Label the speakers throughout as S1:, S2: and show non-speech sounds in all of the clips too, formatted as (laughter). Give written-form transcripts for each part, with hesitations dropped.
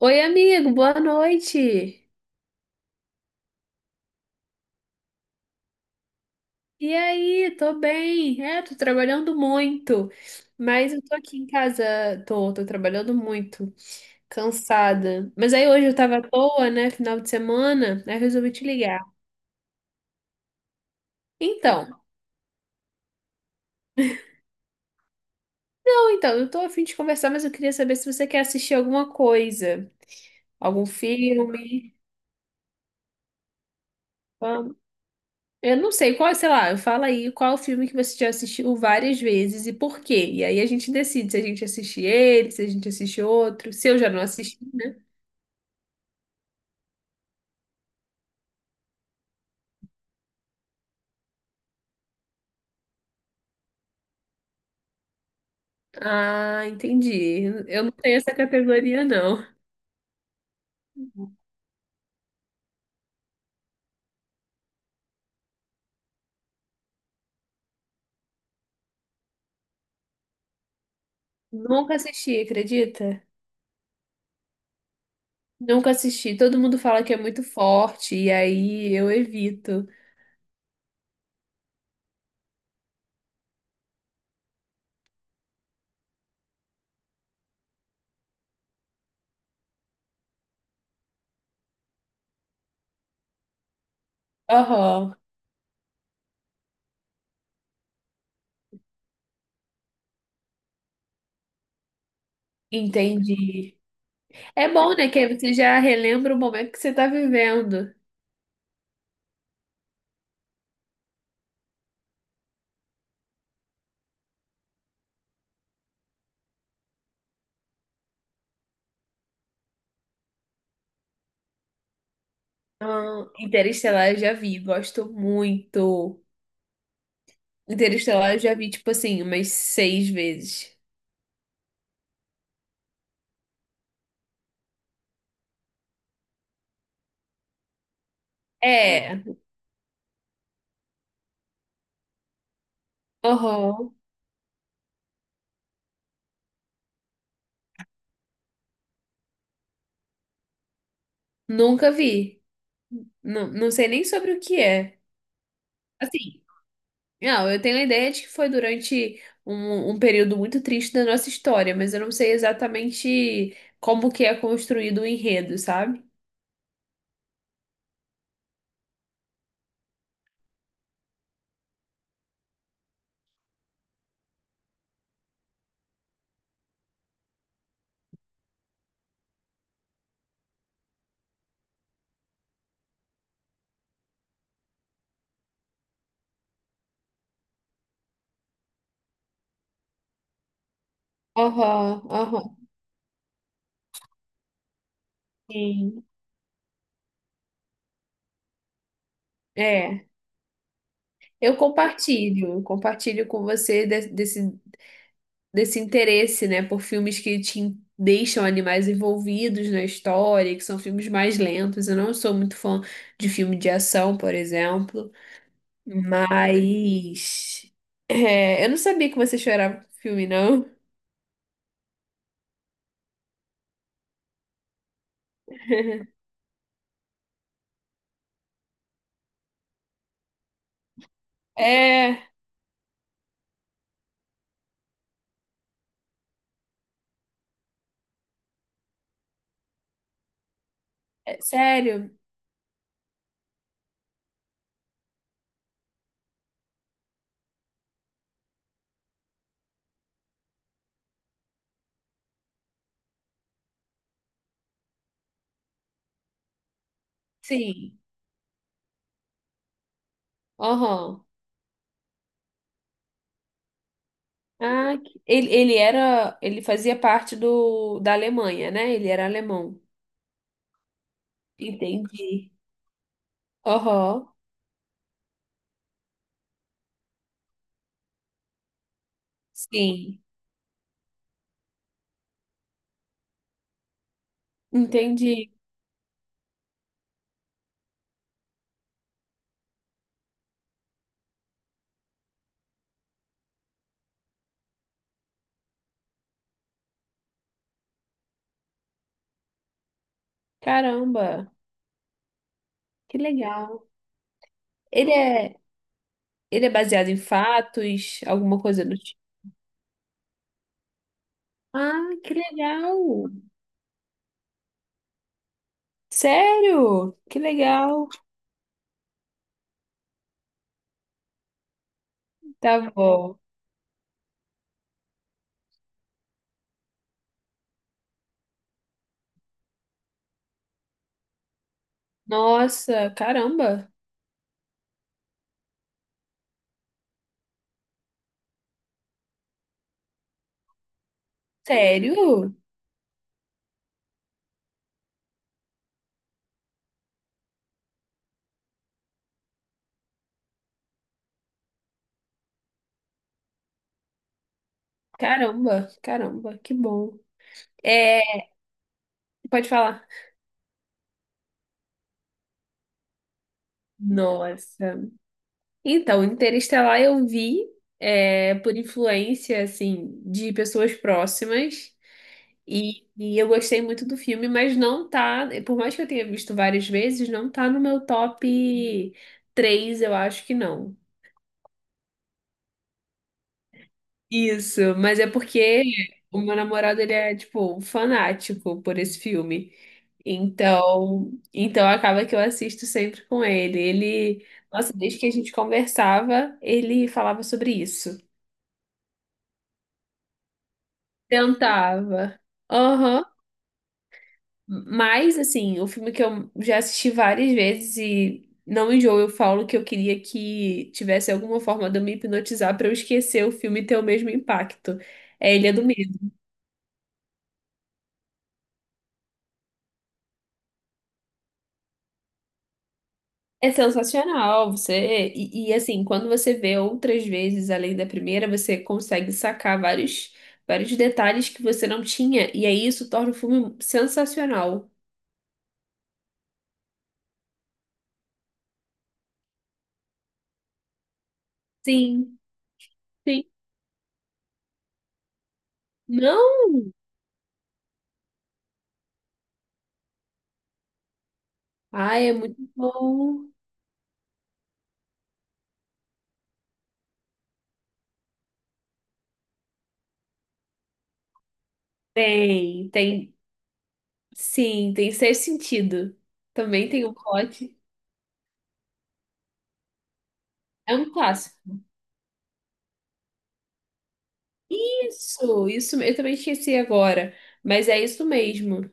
S1: Oi, amigo, boa noite. E aí, tô bem. É, tô trabalhando muito, mas eu tô aqui em casa, tô trabalhando muito, cansada. Mas aí hoje eu tava à toa, né, final de semana, aí eu resolvi te ligar. Então, não, então, eu tô a fim de conversar, mas eu queria saber se você quer assistir alguma coisa, algum filme. Eu não sei qual, sei lá, eu fala aí qual filme que você já assistiu várias vezes e por quê. E aí a gente decide se a gente assiste ele, se a gente assiste outro, se eu já não assisti, né? Ah, entendi. Eu não tenho essa categoria, não. Nunca assisti, acredita? Nunca assisti. Todo mundo fala que é muito forte, e aí eu evito. Aham, entendi. É bom, né? Que aí você já relembra o momento que você tá vivendo. Ah, Interestelar eu já vi, gosto muito. Interestelar eu já vi, tipo assim, umas seis vezes. É. É, nunca vi. Não, não sei nem sobre o que é. Assim, não, eu tenho a ideia de que foi durante um período muito triste da nossa história, mas eu não sei exatamente como que é construído o enredo, sabe? Aham, aham, sim. É. Eu compartilho com você de- desse interesse, né, por filmes que te deixam animais envolvidos na história, que são filmes mais lentos. Eu não sou muito fã de filme de ação, por exemplo, mas é, eu não sabia que você chorava com filme, não. (laughs) É, é sério? Sim. Aham. Ah, ele fazia parte da Alemanha, né? Ele era alemão. Entendi. Aham. Sim. Entendi. Caramba. Que legal. Ele é, ele é baseado em fatos, alguma coisa do tipo. Ah, que legal. Sério? Que legal. Tá bom. Nossa, caramba. Sério? Caramba, caramba, que bom. É, pode falar. Nossa. Então, Interestelar eu vi é, por influência, assim, de pessoas próximas. E eu gostei muito do filme, mas não tá, por mais que eu tenha visto várias vezes, não tá no meu top 3 eu acho que não. Isso, mas é porque o meu namorado, ele é, tipo, um fanático por esse filme. Então, então acaba que eu assisto sempre com ele. Nossa, desde que a gente conversava, ele falava sobre isso. Tentava. Aham. Mas, assim, o filme que eu já assisti várias vezes e não enjoo, eu falo que eu queria que tivesse alguma forma de eu me hipnotizar pra eu esquecer o filme e ter o mesmo impacto. É Ilha do Medo. É sensacional, você... E, e, assim, quando você vê outras vezes, além da primeira, você consegue sacar vários, vários detalhes que você não tinha, e aí isso torna o filme sensacional. Sim, sim. Não! Ai, é muito bom. Tem. Sim, tem Ser Sentido. Também tem o plot. É um clássico. Isso, eu também esqueci agora, mas é isso mesmo.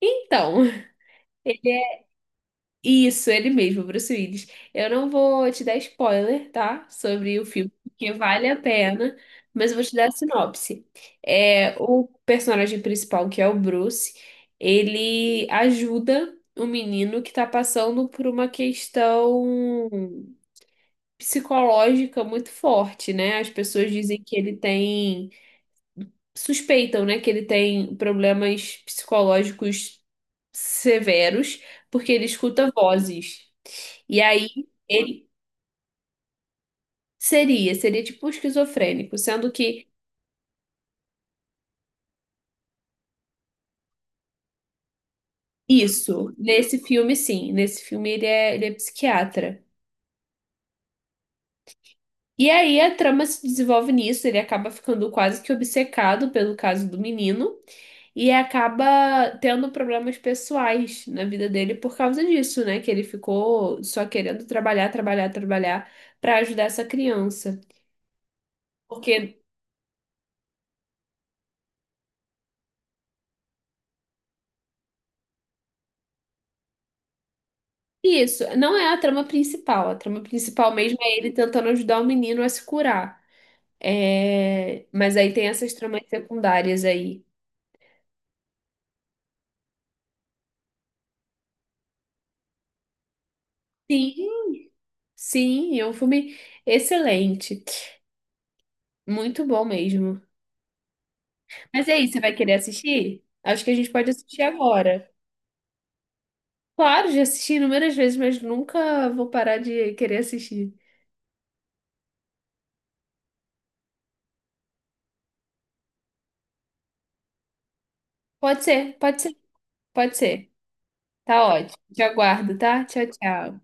S1: Então, (laughs) ele é isso, ele mesmo, Bruce Willis. Eu não vou te dar spoiler, tá? Sobre o filme, porque vale a pena, mas eu vou te dar a sinopse. É, o personagem principal, que é o Bruce, ele ajuda o menino que tá passando por uma questão psicológica muito forte, né? As pessoas dizem que ele tem, suspeitam, né, que ele tem problemas psicológicos severos, porque ele escuta vozes. E aí ele seria tipo um esquizofrênico, sendo que isso, nesse filme sim, nesse filme ele é psiquiatra. E aí a trama se desenvolve nisso, ele acaba ficando quase que obcecado pelo caso do menino. E acaba tendo problemas pessoais na vida dele por causa disso, né? Que ele ficou só querendo trabalhar, trabalhar, trabalhar pra ajudar essa criança. Porque isso não é a trama principal. A trama principal mesmo é ele tentando ajudar o menino a se curar. É, mas aí tem essas tramas secundárias aí. Sim, sim, é um filme excelente. Muito bom mesmo. Mas e aí, você vai querer assistir? Acho que a gente pode assistir agora. Claro, já assisti inúmeras vezes, mas nunca vou parar de querer assistir. Pode ser, pode ser, pode ser. Tá ótimo. Te aguardo, tá? Tchau, tchau.